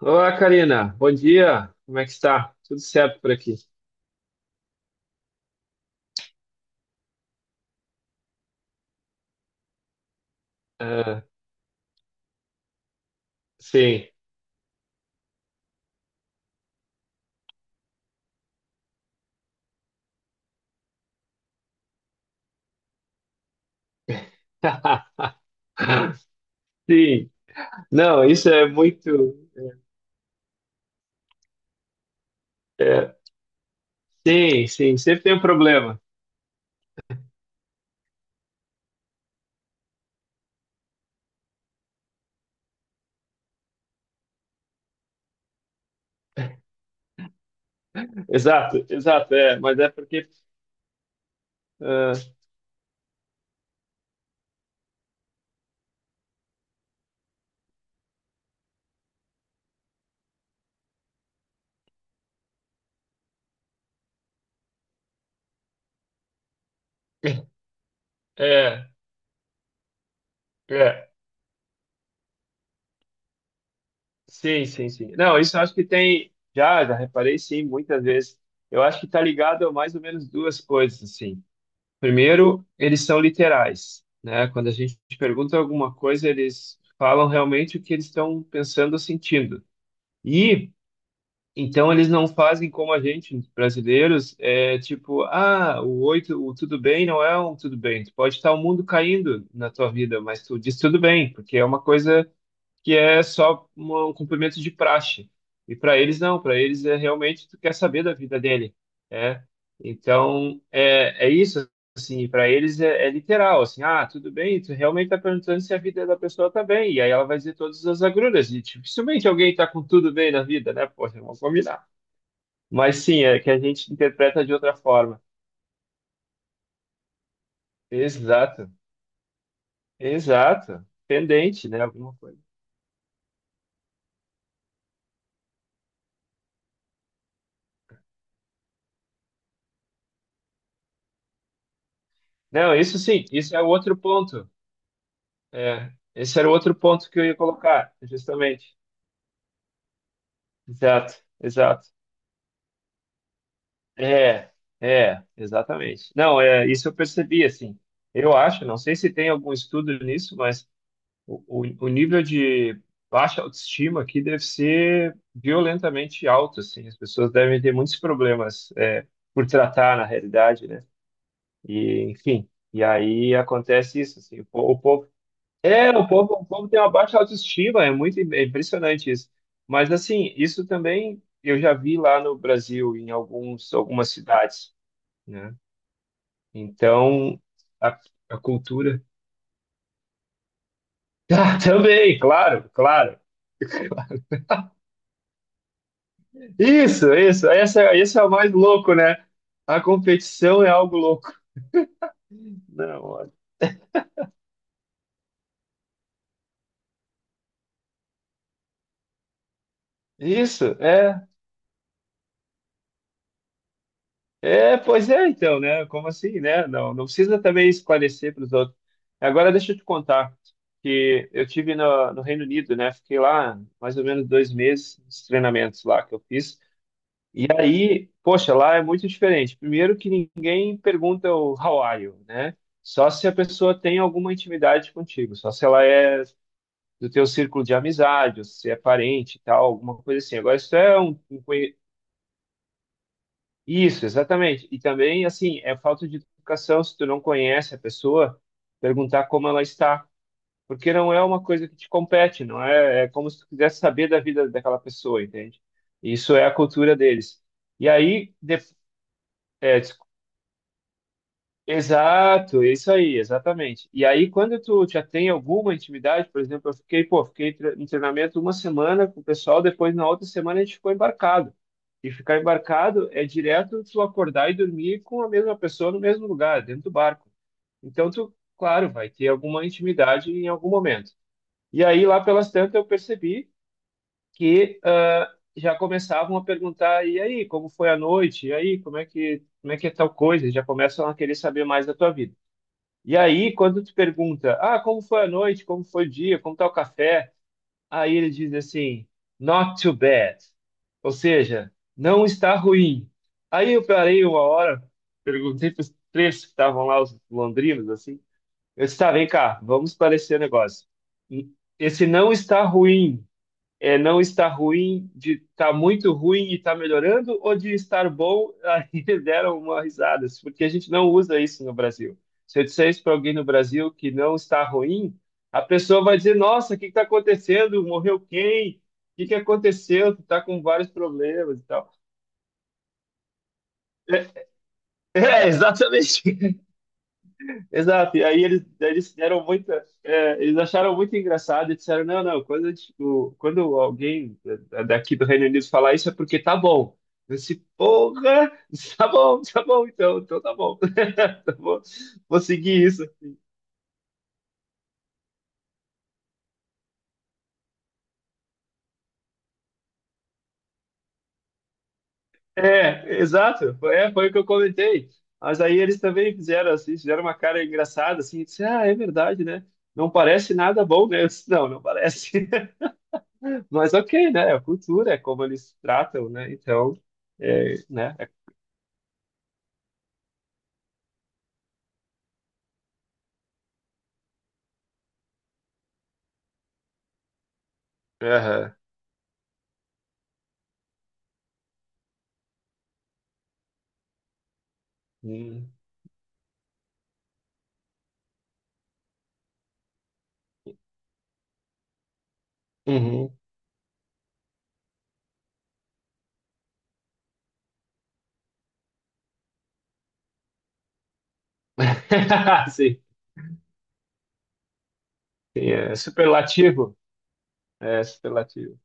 Olá, Karina. Bom dia. Como é que está? Tudo certo por aqui? Ah, sim. Sim. Não, isso é muito. É, é, sim, sim. Sempre tem um problema. Exato, exato. É, mas é porque. Ah, é, é. Sim, sim, sim. Não, isso eu acho que tem. Já reparei, sim, muitas vezes. Eu acho que está ligado a mais ou menos duas coisas, assim. Primeiro, eles são literais, né? Quando a gente pergunta alguma coisa, eles falam realmente o que eles estão pensando ou sentindo. E então eles não fazem como a gente, brasileiros, é tipo, ah, o oito, o tudo bem não é um tudo bem. Tu pode estar o mundo caindo na tua vida, mas tu diz tudo bem, porque é uma coisa que é só um cumprimento de praxe. E para eles não, para eles é realmente tu quer saber da vida dele, né? Então é isso assim, para eles é literal assim, ah, tudo bem, tu realmente está perguntando se a vida da pessoa tá bem, e aí ela vai dizer todas as agruras, e tipo, dificilmente alguém tá com tudo bem na vida, né? Poxa, vamos combinar. Mas sim, é que a gente interpreta de outra forma. Exato, exato. Pendente, né? Alguma coisa. Não, isso sim, isso é outro ponto. É, esse era o outro ponto que eu ia colocar, justamente. Exato, exato. É, exatamente. Não, é, isso eu percebi, assim. Eu acho, não sei se tem algum estudo nisso, mas o nível de baixa autoestima aqui deve ser violentamente alto, assim. As pessoas devem ter muitos problemas, é, por tratar, na realidade, né? E, enfim, e aí acontece isso, assim. O, po- o povo É, o povo, O povo tem uma baixa autoestima, é muito é impressionante isso. Mas assim, isso também eu já vi lá no Brasil, em alguns, algumas cidades, né? Então, a, a cultura. Ah, também, claro, claro. Isso, isso. Essa, esse é o mais louco, né? A competição é algo louco. Não, olha. Isso, é. É, pois é, então, né? Como assim, né? Não, não precisa também esclarecer para os outros. Agora, deixa eu te contar que eu tive no Reino Unido, né? Fiquei lá mais ou menos 2 meses nos treinamentos lá que eu fiz. E aí, poxa, lá é muito diferente. Primeiro que ninguém pergunta o how are you, né? Só se a pessoa tem alguma intimidade contigo, só se ela é do teu círculo de amizade, ou se é parente e tal, alguma coisa assim. Agora, isso é um, isso, exatamente. E também, assim, é falta de educação se tu não conhece a pessoa, perguntar como ela está, porque não é uma coisa que te compete, não é, é como se tu quisesse saber da vida daquela pessoa, entende? Isso é a cultura deles. E aí, é, exato, é isso aí, exatamente. E aí, quando tu já tem alguma intimidade, por exemplo, eu fiquei, pô, fiquei em treinamento uma semana com o pessoal, depois na outra semana a gente ficou embarcado. E ficar embarcado é direto tu acordar e dormir com a mesma pessoa no mesmo lugar, dentro do barco. Então, tu, claro, vai ter alguma intimidade em algum momento. E aí, lá pelas tantas, eu percebi que já começavam a perguntar, e aí, como foi a noite? E aí, como é que é tal coisa? Já começam a querer saber mais da tua vida. E aí, quando tu pergunta, como foi a noite, como foi o dia, como tá o café? Aí ele diz assim, not too bad. Ou seja, não está ruim. Aí eu parei uma hora, perguntei para os três que estavam lá, os londrinos, assim. Eu disse, tá, vem cá, vamos esclarecer o negócio. Esse não está ruim é não está ruim, de está muito ruim e está melhorando, ou de estar bom. Aí deram uma risada, porque a gente não usa isso no Brasil. Se eu disser isso para alguém no Brasil que não está ruim, a pessoa vai dizer: Nossa, o que está acontecendo? Morreu quem? O que que aconteceu? Tu está com vários problemas e tal. É, é, exatamente. Exato, e aí eles, eles acharam muito engraçado e disseram, não, não, quando alguém daqui do Reino Unido falar isso é porque tá bom. Eu disse, porra, tá bom, então, então tá bom. Tá bom, vou seguir isso. É, exato, foi o que eu comentei. Mas aí eles também fizeram assim, fizeram uma cara engraçada, assim, e disse, ah, é verdade, né? Não parece nada bom, né? Eu disse, não, não parece. Mas ok, né? A cultura é como eles tratam, né? Então, é, né? É, aham. Hum, uhum. Sim, sim, é superlativo. É superlativo.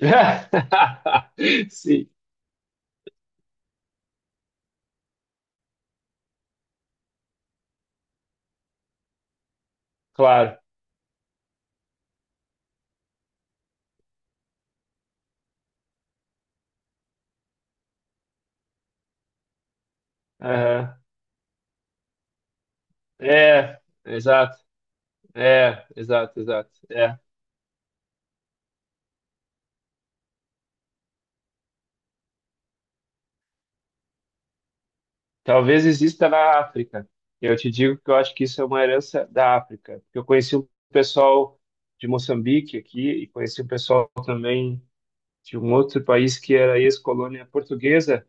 Sim, claro. Aham. É, exato. É, exato, exato. É. Talvez exista na África. Eu te digo que eu acho que isso é uma herança da África. Eu conheci um pessoal de Moçambique aqui e conheci um pessoal também de um outro país que era ex-colônia portuguesa.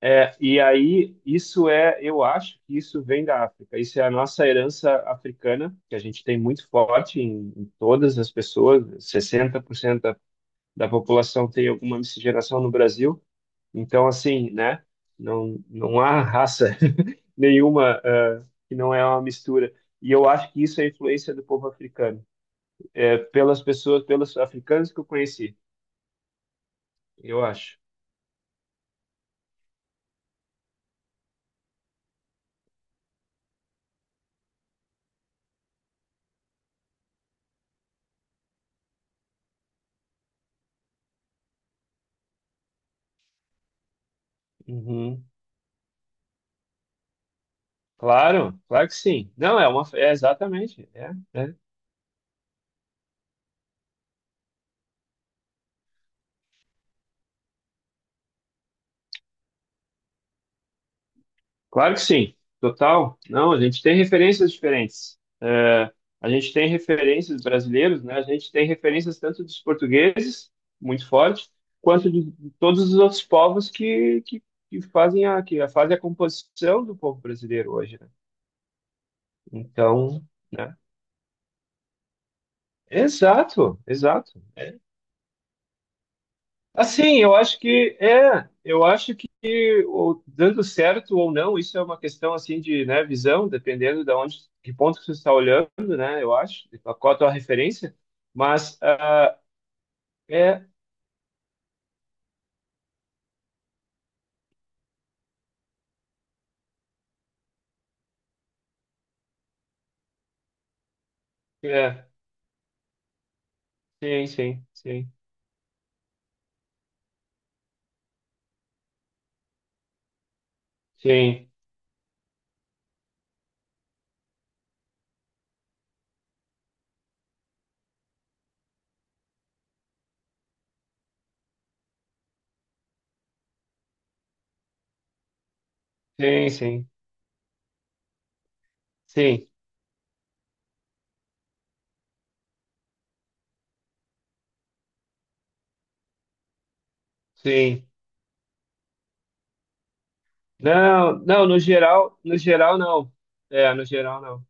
É, e aí, isso é, eu acho que isso vem da África. Isso é a nossa herança africana, que a gente tem muito forte em, todas as pessoas. 60% da população tem alguma miscigenação no Brasil. Então, assim, né? Não, não há raça nenhuma que não é uma mistura. E eu acho que isso é influência do povo africano. É pelas pessoas, pelos africanos que eu conheci, eu acho. Uhum. Claro, claro que sim. Não, é uma, é exatamente, é, é. Claro que sim, total. Não, a gente tem referências diferentes. É, a gente tem referências brasileiros, né? A gente tem referências tanto dos portugueses, muito forte, quanto de todos os outros povos que fazem a composição do povo brasileiro hoje, né? Então, né? Exato, exato. Assim, eu acho que é, eu acho que dando certo ou não, isso é uma questão assim de, né, visão, dependendo de onde, que ponto que você está olhando, né? Eu acho, de qual a tua referência, mas ah, é, é, sim, sim, sim, sim, sim, sim, sim, sim. Não, não, no geral, no geral não. É, no geral não.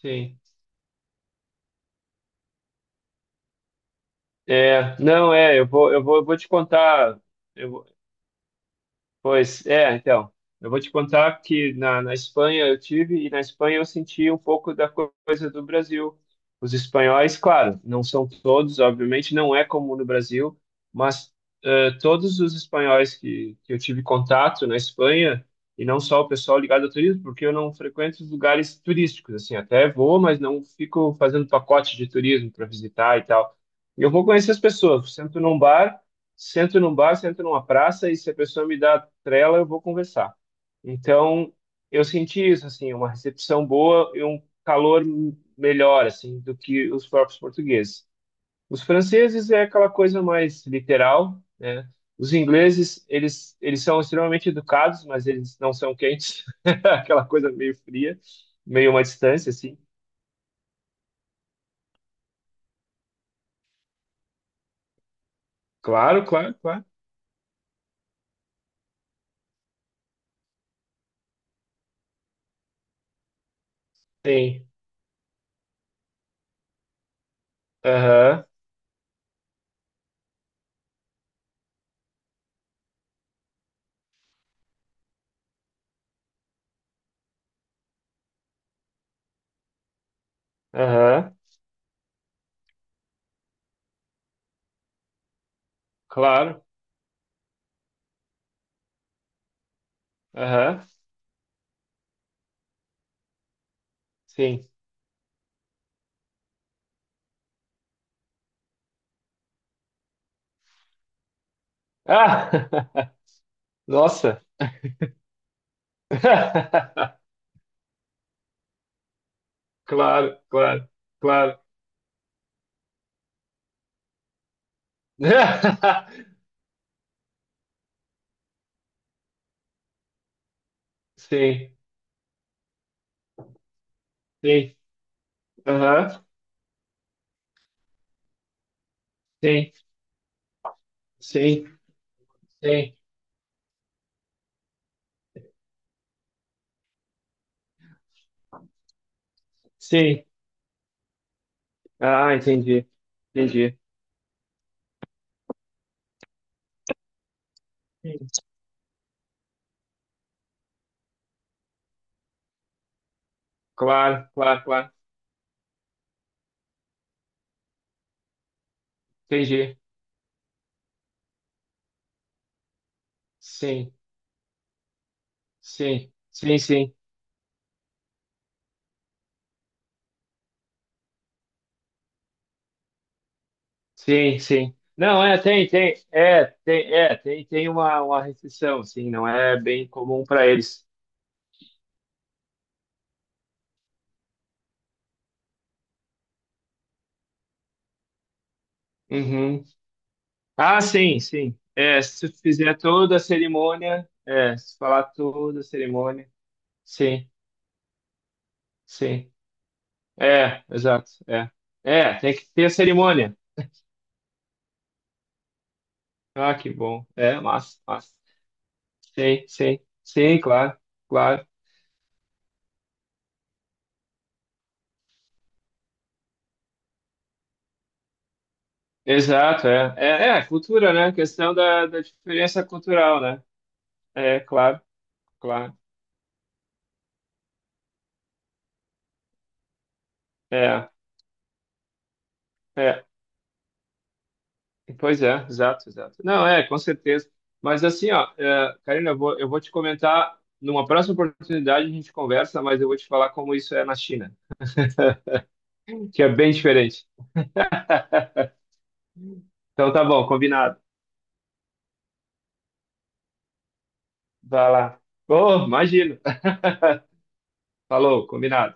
Sim. É, não é, eu vou te contar. Eu, Pois é, então, eu vou te contar que na Espanha eu tive e na Espanha eu senti um pouco da coisa do Brasil. Os espanhóis, claro, não são todos, obviamente, não é como no Brasil, mas todos os espanhóis que eu tive contato na Espanha, e não só o pessoal ligado ao turismo, porque eu não frequento os lugares turísticos, assim, até vou, mas não fico fazendo pacote de turismo para visitar e tal. E eu vou conhecer as pessoas, sento num bar, sento numa praça e se a pessoa me dá trela, eu vou conversar. Então, eu senti isso, assim, uma recepção boa e um calor melhor, assim, do que os próprios portugueses. Os franceses é aquela coisa mais literal, né? Os ingleses, eles são extremamente educados, mas eles não são quentes. Aquela coisa meio fria, meio uma distância, assim. Claro, claro, claro. Sim. Aham, aham, claro. Aham, sim. Ah, nossa. Claro, claro, claro. Sim, sim, aham, sim, sim, sim, sim. Ah, entendi, entendi. Sim. Claro, claro, claro, entendi. Sim, sim, sim, sim, sim, sim. Não, é, tem uma restrição, sim, não é bem comum para eles. Uhum. Ah, sim, sim. É, se tu fizer toda a cerimônia, é, se falar toda a cerimônia, sim. Sim. É, exato. É. É, tem que ter a cerimônia. Ah, que bom. É, massa, massa. Sim, sim. Sim, claro, claro. Exato, é. É cultura, né? Questão da diferença cultural, né? É, claro, claro. É, é. Pois é, exato, exato. Não, é, com certeza. Mas assim, ó, é, Karina, eu vou te comentar, numa próxima oportunidade a gente conversa, mas eu vou te falar como isso é na China, que é bem diferente. Então tá bom, combinado. Vai lá. Oh, imagino. Falou, combinado.